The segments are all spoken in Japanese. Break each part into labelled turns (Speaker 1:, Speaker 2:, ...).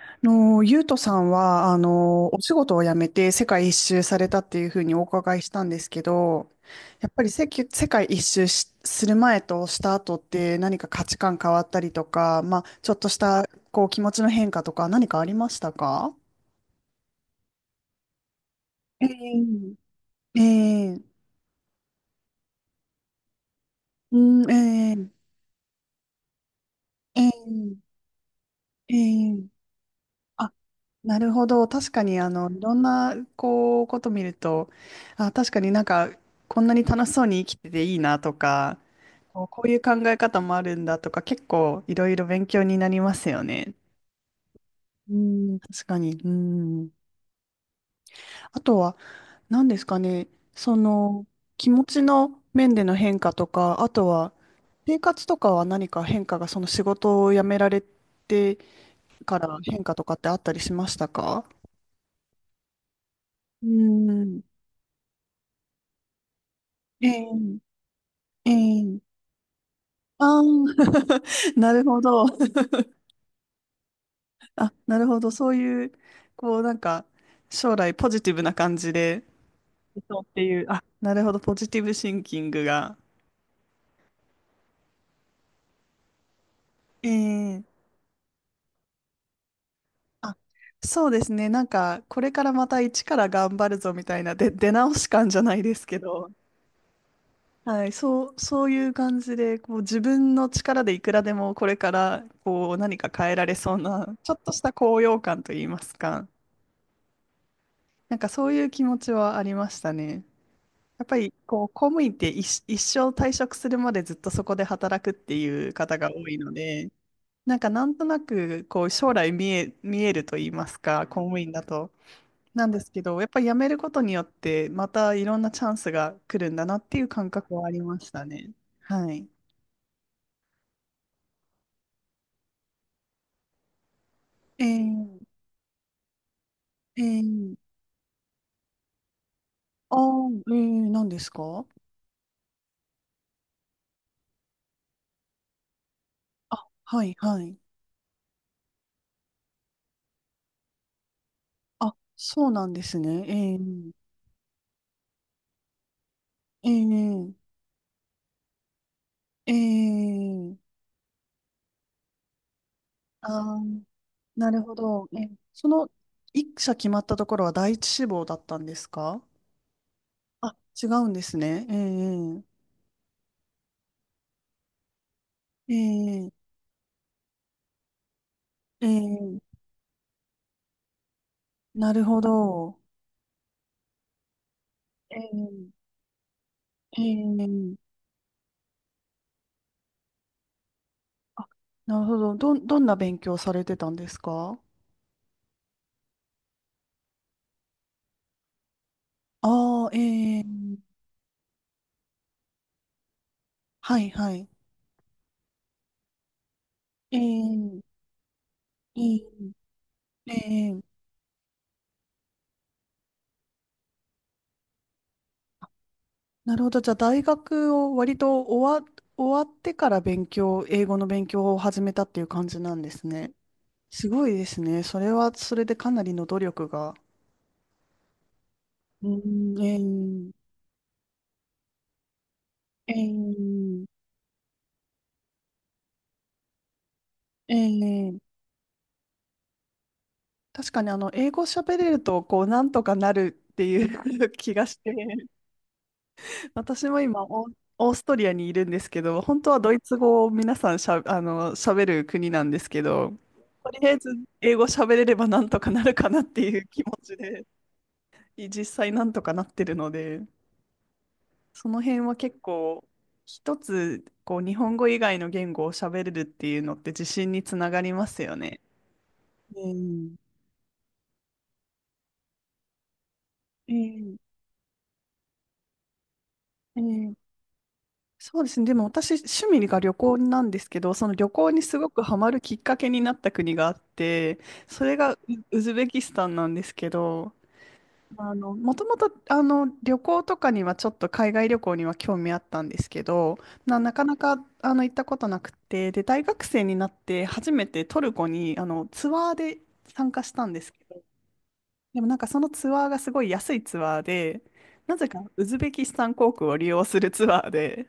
Speaker 1: ゆうとさんは、お仕事を辞めて世界一周されたっていうふうにお伺いしたんですけど、やっぱり世界一周する前とした後って何か価値観変わったりとか、まあ、ちょっとした、気持ちの変化とか何かありましたか？ええええ。うん、ええええええ。あ、なるほど。確かに、いろんな、こと見ると、あ、確かになんか、こんなに楽しそうに生きてていいなとか、こういう考え方もあるんだとか、結構いろいろ勉強になりますよね。うん、確かに。うん。あとは、何ですかね。その、気持ちの面での変化とか、あとは、生活とかは何か変化が、その仕事を辞められてから変化とかってあったりしましたか？うん、ええ、ええ、ああ、なるほど。あ、なるほど。そういう、こう、なんか、将来ポジティブな感じで、そうっていう、あ、なるほど、ポジティブシンキングが。ええ。あ、そうですね、これからまた一から頑張るぞみたいな、で、出直し感じゃないですけど、はい、そう、そういう感じで、自分の力でいくらでもこれから、何か変えられそうな、ちょっとした高揚感といいますか、なんかそういう気持ちはありましたね。やっぱり、公務員って一生退職するまでずっとそこで働くっていう方が多いので、なんかなんとなく将来見えると言いますか、公務員だと。なんですけど、やっぱり辞めることによってまたいろんなチャンスが来るんだなっていう感覚はありましたね。はい。えー、えー、あー、えー、何ですか？あ、はい、はい。あ、そうなんですね。えー、えー、えー、あー、なるほど。え、その、一社決まったところは第一志望だったんですか？あ、違うんですね。ええええええ。なるほど。ええええ。あ、なるほど。どんな勉強されてたんですか？ああ、ええ。はいはい。ええええええ。なるほど。じゃあ、大学を割と終わってから英語の勉強を始めたっていう感じなんですね。すごいですね。それでかなりの努力が。うん、ええええええ。確かに英語喋れるとこうなんとかなるっていう 気がして、私も今オーストリアにいるんですけど、本当はドイツ語を皆さんしゃ、あの喋る国なんですけど、とりあえず英語喋れればなんとかなるかなっていう気持ちで、実際なんとかなってるので、その辺は結構一つ日本語以外の言語を喋れるっていうのって自信につながりますよね。うん、ええええ。そうですね。でも私、趣味が旅行なんですけど、その旅行にすごくハマるきっかけになった国があって、それがウズベキスタンなんですけど、もともと、旅行とかにはちょっと海外旅行には興味あったんですけど、なかなか、行ったことなくて、で、大学生になって初めてトルコに、ツアーで参加したんですけど、でもなんかそのツアーがすごい安いツアーで、なぜかウズベキスタン航空を利用するツアーで、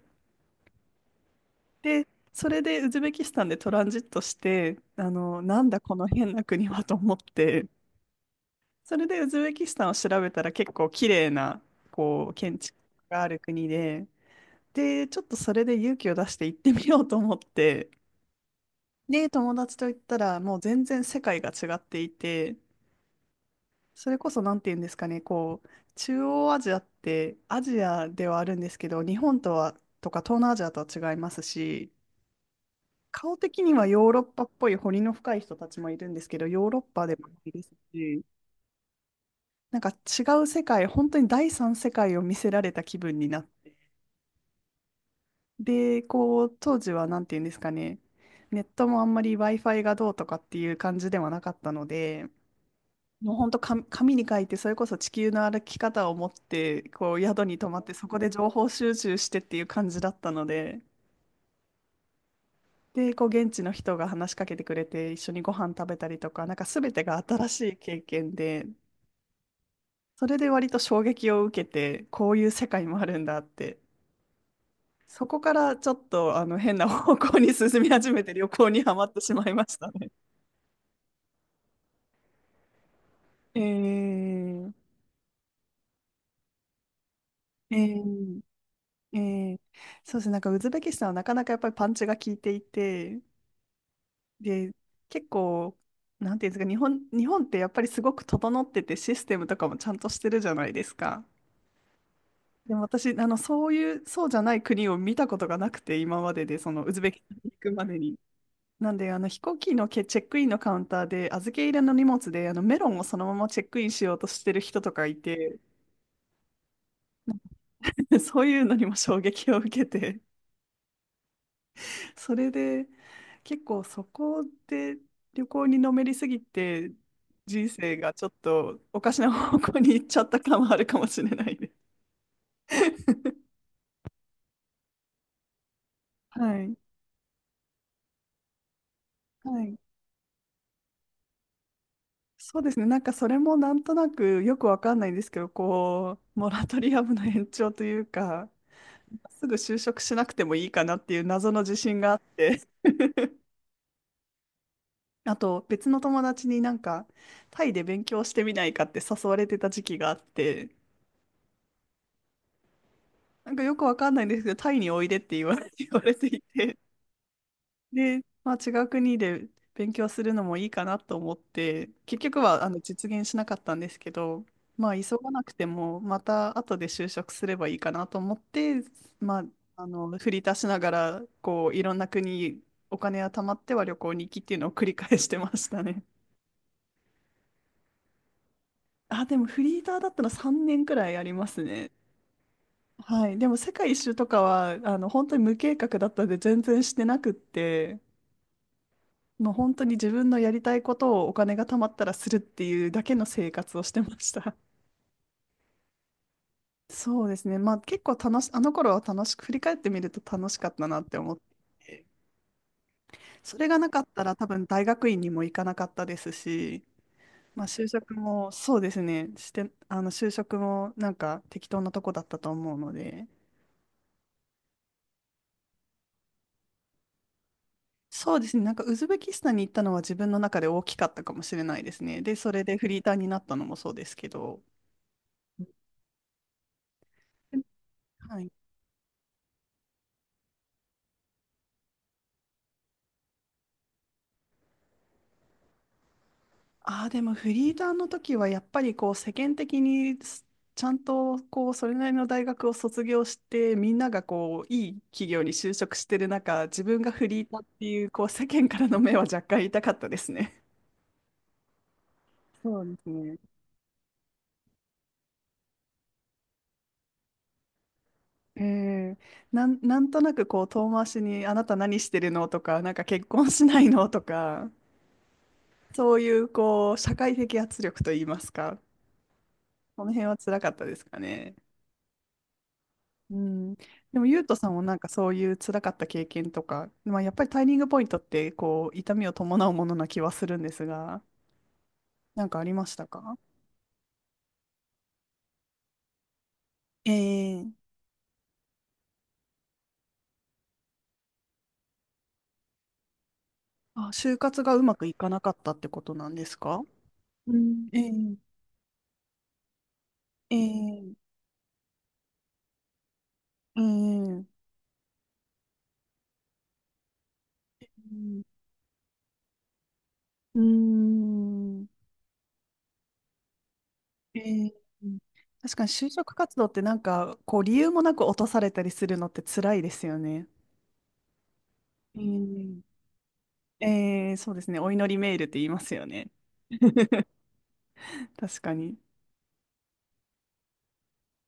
Speaker 1: で、それでウズベキスタンでトランジットして、なんだこの変な国はと思って、それでウズベキスタンを調べたら結構綺麗な、建築がある国で、で、ちょっとそれで勇気を出して行ってみようと思って、で、友達と行ったらもう全然世界が違っていて、それこそなんて言うんですかね、中央アジアってアジアではあるんですけど、日本とは、とか東南アジアとは違いますし、顔的にはヨーロッパっぽい彫りの深い人たちもいるんですけど、ヨーロッパでもないですし、なんか違う世界、本当に第三世界を見せられた気分になって、当時はなんていうんですかね、ネットもあんまり Wi-Fi がどうとかっていう感じではなかったので、もう本当紙に書いて、それこそ地球の歩き方を持って、こう宿に泊まって、そこで情報収集してっていう感じだったので、で、こう現地の人が話しかけてくれて一緒にご飯食べたりとか、なんか全てが新しい経験で、それで割と衝撃を受けて、こういう世界もあるんだって、そこからちょっとあの変な方向に進み始めて旅行にはまってしまいましたね。えー、えー、えー。そうですね、なんかウズベキスタンはなかなかやっぱりパンチが効いていて、で、結構、なんていうんですか、日本ってやっぱりすごく整っててシステムとかもちゃんとしてるじゃないですか。でも私、そういう、そうじゃない国を見たことがなくて、今までで、その、ウズベキスタンに行くまでに。なんで、飛行機のチェックインのカウンターで、預け入れの荷物で、メロンをそのままチェックインしようとしてる人とかいて、そういうのにも衝撃を受けて、それで、結構そこで旅行にのめりすぎて、人生がちょっとおかしな方向に行っちゃった感はあるかもしれないです。はい。はい。そうですね。なんかそれもなんとなくよくわかんないんですけど、モラトリアムの延長というか、すぐ就職しなくてもいいかなっていう謎の自信があって、あと別の友達になんかタイで勉強してみないかって誘われてた時期があって、なんかよくわかんないんですけど、タイにおいでって言われ、言われていて、で、まあ、違う国で勉強するのもいいかなと思って、結局は実現しなかったんですけど、まあ、急がなくても、また後で就職すればいいかなと思って、まあ、振り足しながらいろんな国、お金が貯まっては旅行に行きっていうのを繰り返してましたね。あ、でもフリーターだったら3年くらいありますね。はい、でも世界一周とかは本当に無計画だったんで全然してなくって、もう本当に自分のやりたいことをお金が貯まったらするっていうだけの生活をしてました。そうですね。まあ結構あの頃は楽しく、振り返ってみると楽しかったなって思って、それがなかったら多分大学院にも行かなかったですし、まあ就職もそうですね、あの就職もなんか適当なとこだったと思うので、そうですね、なんかウズベキスタンに行ったのは自分の中で大きかったかもしれないですね。で、それでフリーターになったのもそうですけど、はい。ああ、でもフリーターの時はやっぱり世間的にちゃんとそれなりの大学を卒業してみんながいい企業に就職してる中自分がフリーターっていう世間からの目は若干痛かったですね。そうですね。ええ。なんとなく遠回しにあなた何してるのとかなんか結婚しないのとかそういう社会的圧力といいますかその辺は辛かったですかね。うん、でも、ゆうとさんもなんかそういう辛かった経験とか、まあ、やっぱりタイミングポイントって痛みを伴うものな気はするんですが、なんかありましたか？ええ。あ、就活がうまくいかなかったってことなんですか？うん、ええええええ。うん、うーん。ええ。確かに就職活動ってなんか理由もなく落とされたりするのって辛いですよね。ええええ。そうですね。お祈りメールって言いますよね。確かに。